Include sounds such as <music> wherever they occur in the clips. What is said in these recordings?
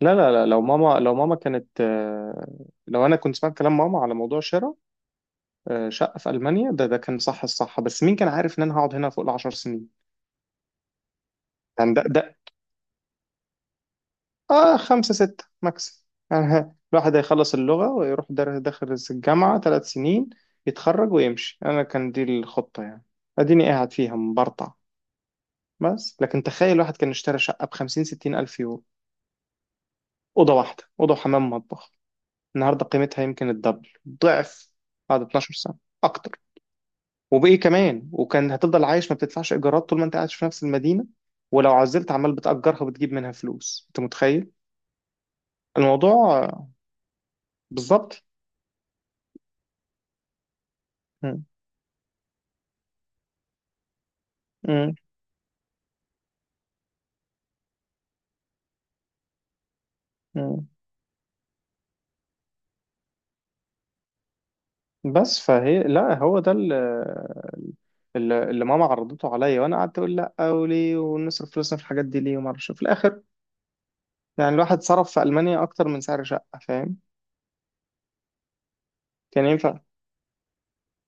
لا، لا، لا، لو ماما كانت، لو انا كنت سمعت كلام ماما على موضوع شراء شقه في المانيا. ده كان صح الصح، بس مين كان عارف ان انا هقعد هنا فوق الـ10 سنين؟ يعني ده 5 6 ماكس <laughs> يعني الواحد هيخلص اللغه ويروح داخل الجامعه 3 سنين، يتخرج ويمشي. انا كان دي الخطه يعني، اديني قاعد فيها مبرطع. بس لكن تخيل الواحد كان اشترى شقه ب 50 60 الف يورو، اوضه واحده، اوضه وحمام ومطبخ، النهارده قيمتها يمكن الدبل، ضعف، بعد 12 سنه، اكتر. وبإيه كمان؟ وكان هتفضل عايش ما بتدفعش إيجارات طول ما أنت قاعد في نفس المدينة. ولو عزلت عمال بتأجرها وبتجيب منها فلوس. أنت متخيل الموضوع؟ بالظبط. مم. مم. مم. بس فهي لا، هو ده اللي ماما عرضته عليا، وانا قعدت اقول لا وليه، ونصرف فلوسنا في الحاجات دي ليه، وما اعرفش. في الاخر يعني الواحد صرف في المانيا اكتر من سعر شقه، فاهم؟ كان ينفع.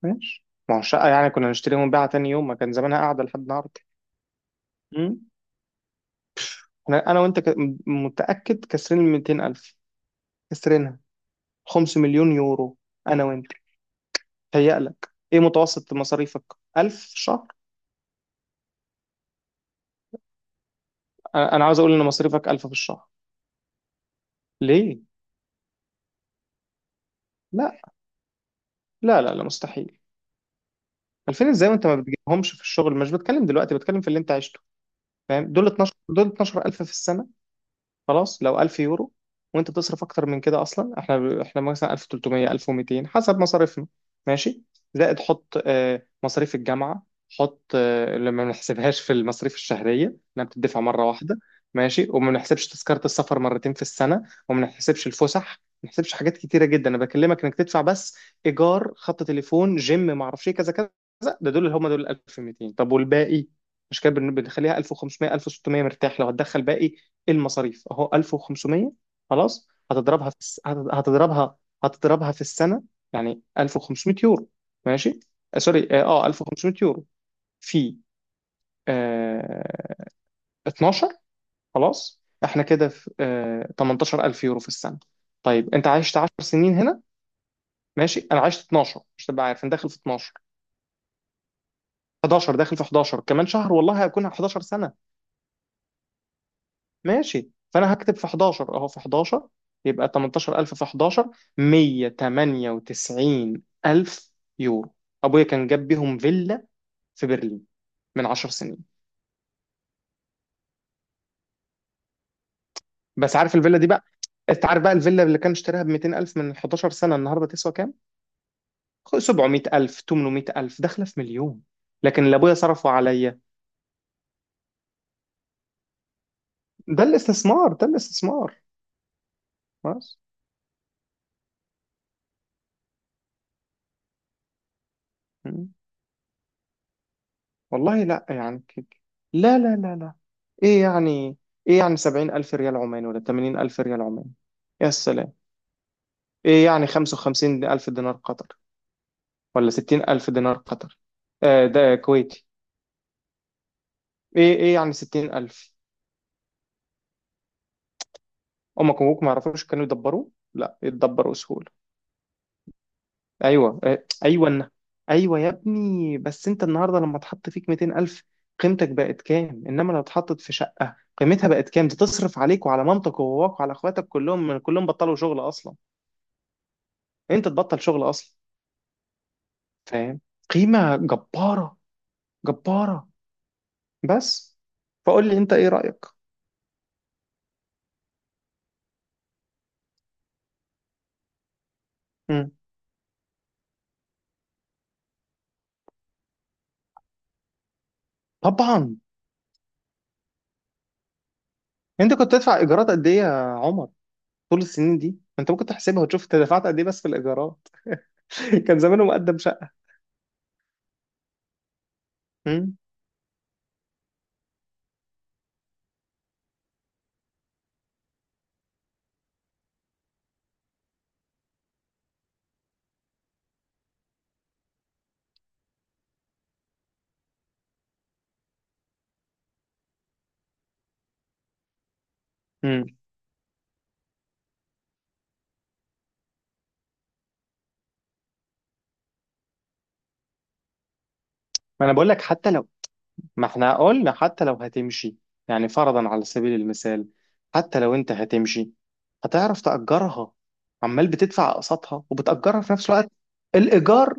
ماشي، ما هو الشقه يعني كنا نشتريها ونبيعها تاني يوم، ما كان زمانها قاعده لحد النهارده. أمم. احنا انا وانت متاكد كسرين ال 200000، كسرنا 5 مليون يورو، انا وانت. تهيألك ايه متوسط مصاريفك؟ 1000 في الشهر؟ أنا عاوز اقول ان مصاريفك 1000 في الشهر. ليه؟ لا، لا، لا، لا، مستحيل. 2000 ازاي وانت ما بتجيبهمش في الشغل؟ مش بتكلم دلوقتي، بتكلم في اللي انت عشته، فاهم؟ دول 12، دول 12000 في السنه. خلاص لو 1000 يورو وانت تصرف اكتر من كده اصلا. احنا مثلا 1300 1200 حسب مصاريفنا، ماشي. زائد حط مصاريف الجامعه، حط اللي ما بنحسبهاش في المصاريف الشهريه، انها بتدفع مره واحده. ماشي، وما بنحسبش تذكره السفر مرتين في السنه، وما بنحسبش الفسح، ما بنحسبش حاجات كتيره جدا. انا بكلمك انك تدفع بس ايجار، خط تليفون، جيم، ما اعرفش ايه، كذا كذا. ده دول اللي هم دول 1200. طب والباقي؟ مش كده؟ بنخليها 1500 1600، مرتاح. لو هتدخل باقي المصاريف اهو 1500. خلاص هتضربها في هتضربها في السنه، يعني 1500 يورو، ماشي. سوري، 1500 يورو في آه 12. خلاص احنا كده في 18000 يورو في السنه. طيب انت عشت 10 سنين هنا. ماشي، انا عشت 12، مش تبقى عارف انا داخل في 12، 11. داخل في 11 كمان شهر، والله هكون 11 سنه. ماشي، فانا هكتب في 11، اهو في 11 يبقى 18000 في 11، 198000 يورو. ابويا كان جاب بيهم فيلا في برلين من 10 سنين. بس عارف الفيلا دي بقى؟ انت عارف بقى الفيلا اللي كان اشتراها ب 200000 من 11 سنه النهارده تسوى كام؟ 700000، 800000، داخله في مليون. لكن اللي ابويا صرفه عليا، ده الاستثمار، ده الاستثمار. بس. والله، لا يعني لا، لا، لا، لا. ايه يعني ايه يعني 70,000 ريال عماني ولا 80,000 ريال عماني، يا سلام. ايه يعني 55,000 دينار قطر ولا 60,000 دينار قطر؟ آه ده كويتي. ايه يعني 60,000. امك وابوك ما يعرفوش كانوا يدبروا؟ لا، يتدبروا سهولة. ايوه، ايوه. ايوه يا ابني، بس انت النهارده لما اتحط فيك 200 الف، قيمتك بقت كام؟ انما لو اتحطت في شقه، قيمتها بقت كام؟ دي تصرف عليك وعلى مامتك وباباك وعلى اخواتك، كلهم كلهم بطلوا شغل اصلا. انت تبطل شغل اصلا، فاهم؟ قيمه جباره، جباره. بس. فقول لي انت ايه رايك. مم. طبعا. انت كنت تدفع ايجارات قد ايه يا عمر؟ طول السنين دي انت ممكن تحسبها وتشوف انت دفعت قد ايه بس في الايجارات. <laughs> كان زمانه مقدم شقه. مم. مم. ما انا بقول لك، حتى لو. ما احنا قلنا حتى لو هتمشي، يعني فرضا على سبيل المثال، حتى لو انت هتمشي هتعرف تأجرها، عمال بتدفع أقساطها وبتأجرها في نفس الوقت. الإيجار،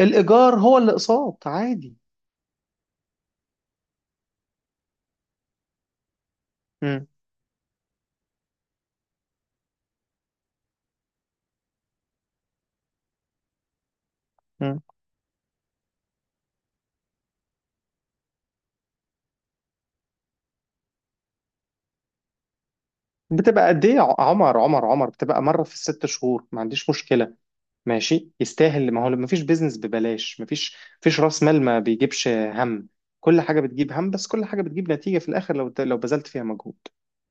الإيجار هو اللي أقساط، عادي. مم. مم. بتبقى قد إيه يا عمر، عمر، عمر؟ بتبقى مرة في الـ6 شهور، ما عنديش مشكلة. ماشي، يستاهل. ما هو ما فيش بيزنس ببلاش، ما فيش رأس مال ما بيجيبش هم. كل حاجة بتجيب هم، بس كل حاجة بتجيب نتيجة في الآخر لو بذلت فيها مجهود.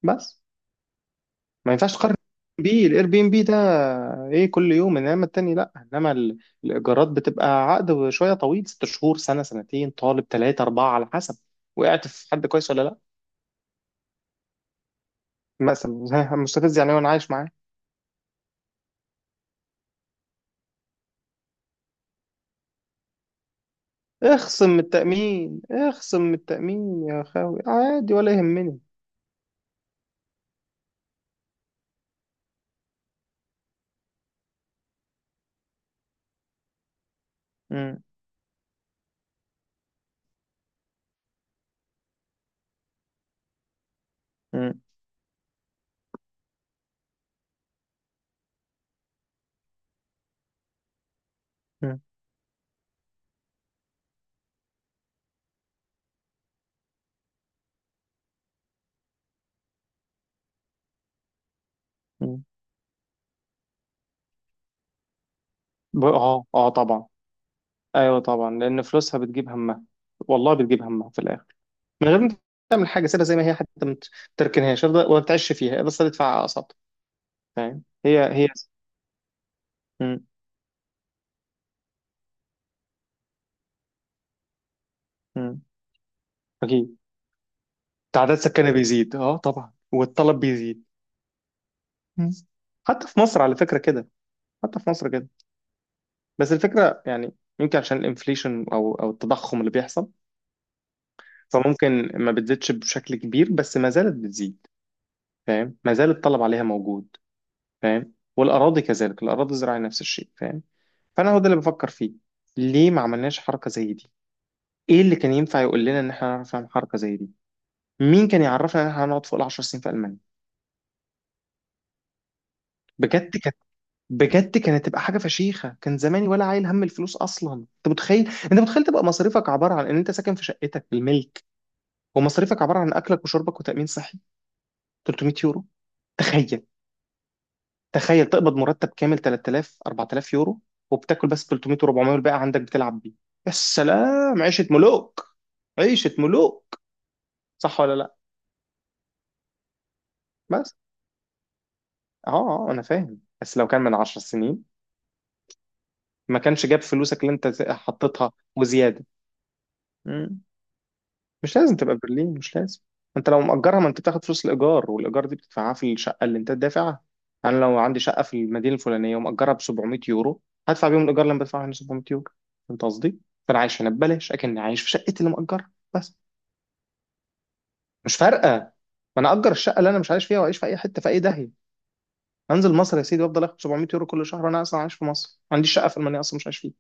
بس. ما ينفعش تقارن بي الاير بي ام بي ده، ايه كل يوم. انما التاني لا، انما الايجارات بتبقى عقد شويه طويل، 6 شهور، سنه، سنتين، طالب، 3، 4، على حسب. وقعت في حد كويس ولا لا؟ مثلا <laughs> مستفز يعني وانا عايش معاه. اخصم من التامين، اخصم من التامين يا خاوي، عادي، ولا يهمني. مم. مم. مم. مم. اه، اه، طبعا. ايوه طبعا، لان فلوسها بتجيب همها، والله بتجيب همها في الاخر، من غير ما تعمل حاجه. سيبها زي ما هي، حتى ما تركنهاش افضل، وما تعيش فيها بس تدفع اقساط. فاهم؟ هي هي. مم. مم. اكيد. تعداد سكانها بيزيد، اه طبعا، والطلب بيزيد. مم. حتى في مصر على فكره كده، حتى في مصر كده. بس الفكره يعني يمكن عشان الانفليشن او التضخم اللي بيحصل، فممكن ما بتزيدش بشكل كبير، بس ما زالت بتزيد. فاهم؟ ما زال الطلب عليها موجود. فاهم؟ والاراضي كذلك، الاراضي الزراعيه نفس الشيء. فاهم؟ فانا هو ده اللي بفكر فيه، ليه ما عملناش حركه زي دي؟ ايه اللي كان ينفع يقول لنا ان احنا هنعرف نعمل حركه زي دي؟ مين كان يعرفنا ان احنا هنقعد فوق الـ10 سنين في المانيا؟ بجد كانت بجد كانت تبقى حاجه فشيخه. كان زماني ولا عايل هم الفلوس اصلا. انت متخيل؟ انت متخيل تبقى مصاريفك عباره عن ان انت ساكن في شقتك الملك، ومصاريفك عباره عن اكلك وشربك وتامين صحي 300 يورو؟ تخيل، تخيل تقبض مرتب كامل 3000 4000 يورو، وبتاكل بس 300 و400، والباقي عندك بتلعب بيه. يا سلام، عيشه ملوك، عيشه ملوك، صح ولا لا؟ بس. اه، اه، انا فاهم. بس لو كان من 10 سنين ما كانش جاب فلوسك اللي انت حطيتها وزياده. مم. مش لازم تبقى برلين، مش لازم. انت لو مأجرها، ما انت بتاخد فلوس الايجار، والايجار دي بتدفعها في الشقه اللي انت دافعها. انا لو عندي شقه في المدينه الفلانيه ومأجرها ب 700 يورو، هدفع بيهم الايجار اللي انا بدفعه هنا 700 يورو. فهمت قصدي؟ فانا عايش هنا ببلاش، اكن عايش في شقتي اللي مأجرها بس. مش فارقه، ما انا اجر الشقه اللي انا مش عايش فيها واعيش في اي حته، في اي داهيه. انزل مصر يا سيدي وافضل اخد 700 يورو كل شهر، وانا اصلا عايش في مصر، ما عنديش شقه في المانيا اصلا مش عايش فيها.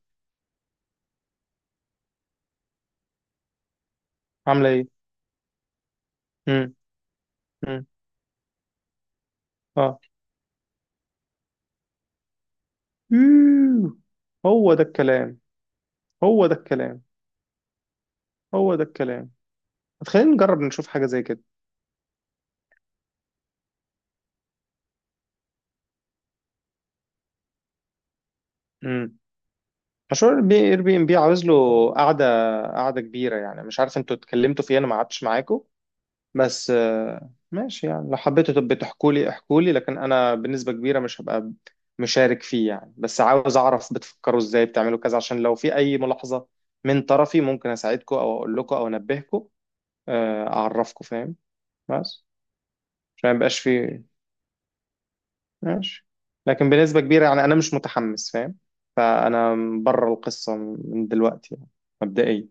عامله ايه؟ امم. امم. اه. يوه. هو ده الكلام، هو ده الكلام، هو ده الكلام. خلينا نجرب نشوف حاجة زي كده. امم. مشروع اير بي ام بي عاوز له قعدة قعدة كبيرة، يعني مش عارف انتوا اتكلمتوا فيه، انا ما قعدتش معاكم. بس ماشي، يعني لو حبيتوا تبقوا تحكوا لي، احكوا لي، لكن انا بنسبة كبيرة مش هبقى مشارك فيه يعني. بس عاوز اعرف بتفكروا ازاي، بتعملوا كذا، عشان لو في اي ملاحظة من طرفي ممكن اساعدكم او اقول لكم او انبهكم، اعرفكم، فاهم؟ بس عشان ما يبقاش في. ماشي، لكن بنسبة كبيرة يعني أنا مش متحمس، فاهم؟ فأنا بره القصة من دلوقتي يعني، مبدئيا.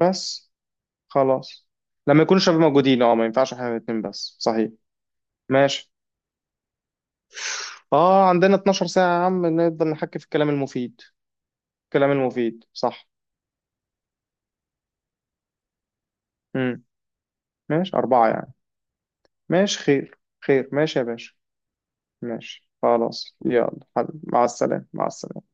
بس. خلاص، لما يكون الشباب موجودين، اه ما ينفعش احنا الاتنين بس، صحيح؟ ماشي. اه عندنا 12 ساعة يا عم، نقدر نحكي في الكلام المفيد. الكلام المفيد صح. امم. ماشي، 4 يعني. ماشي، خير، خير، ماشي يا باشا. ماشي خلاص. يلا حبيبي، مع السلامة، مع السلامة.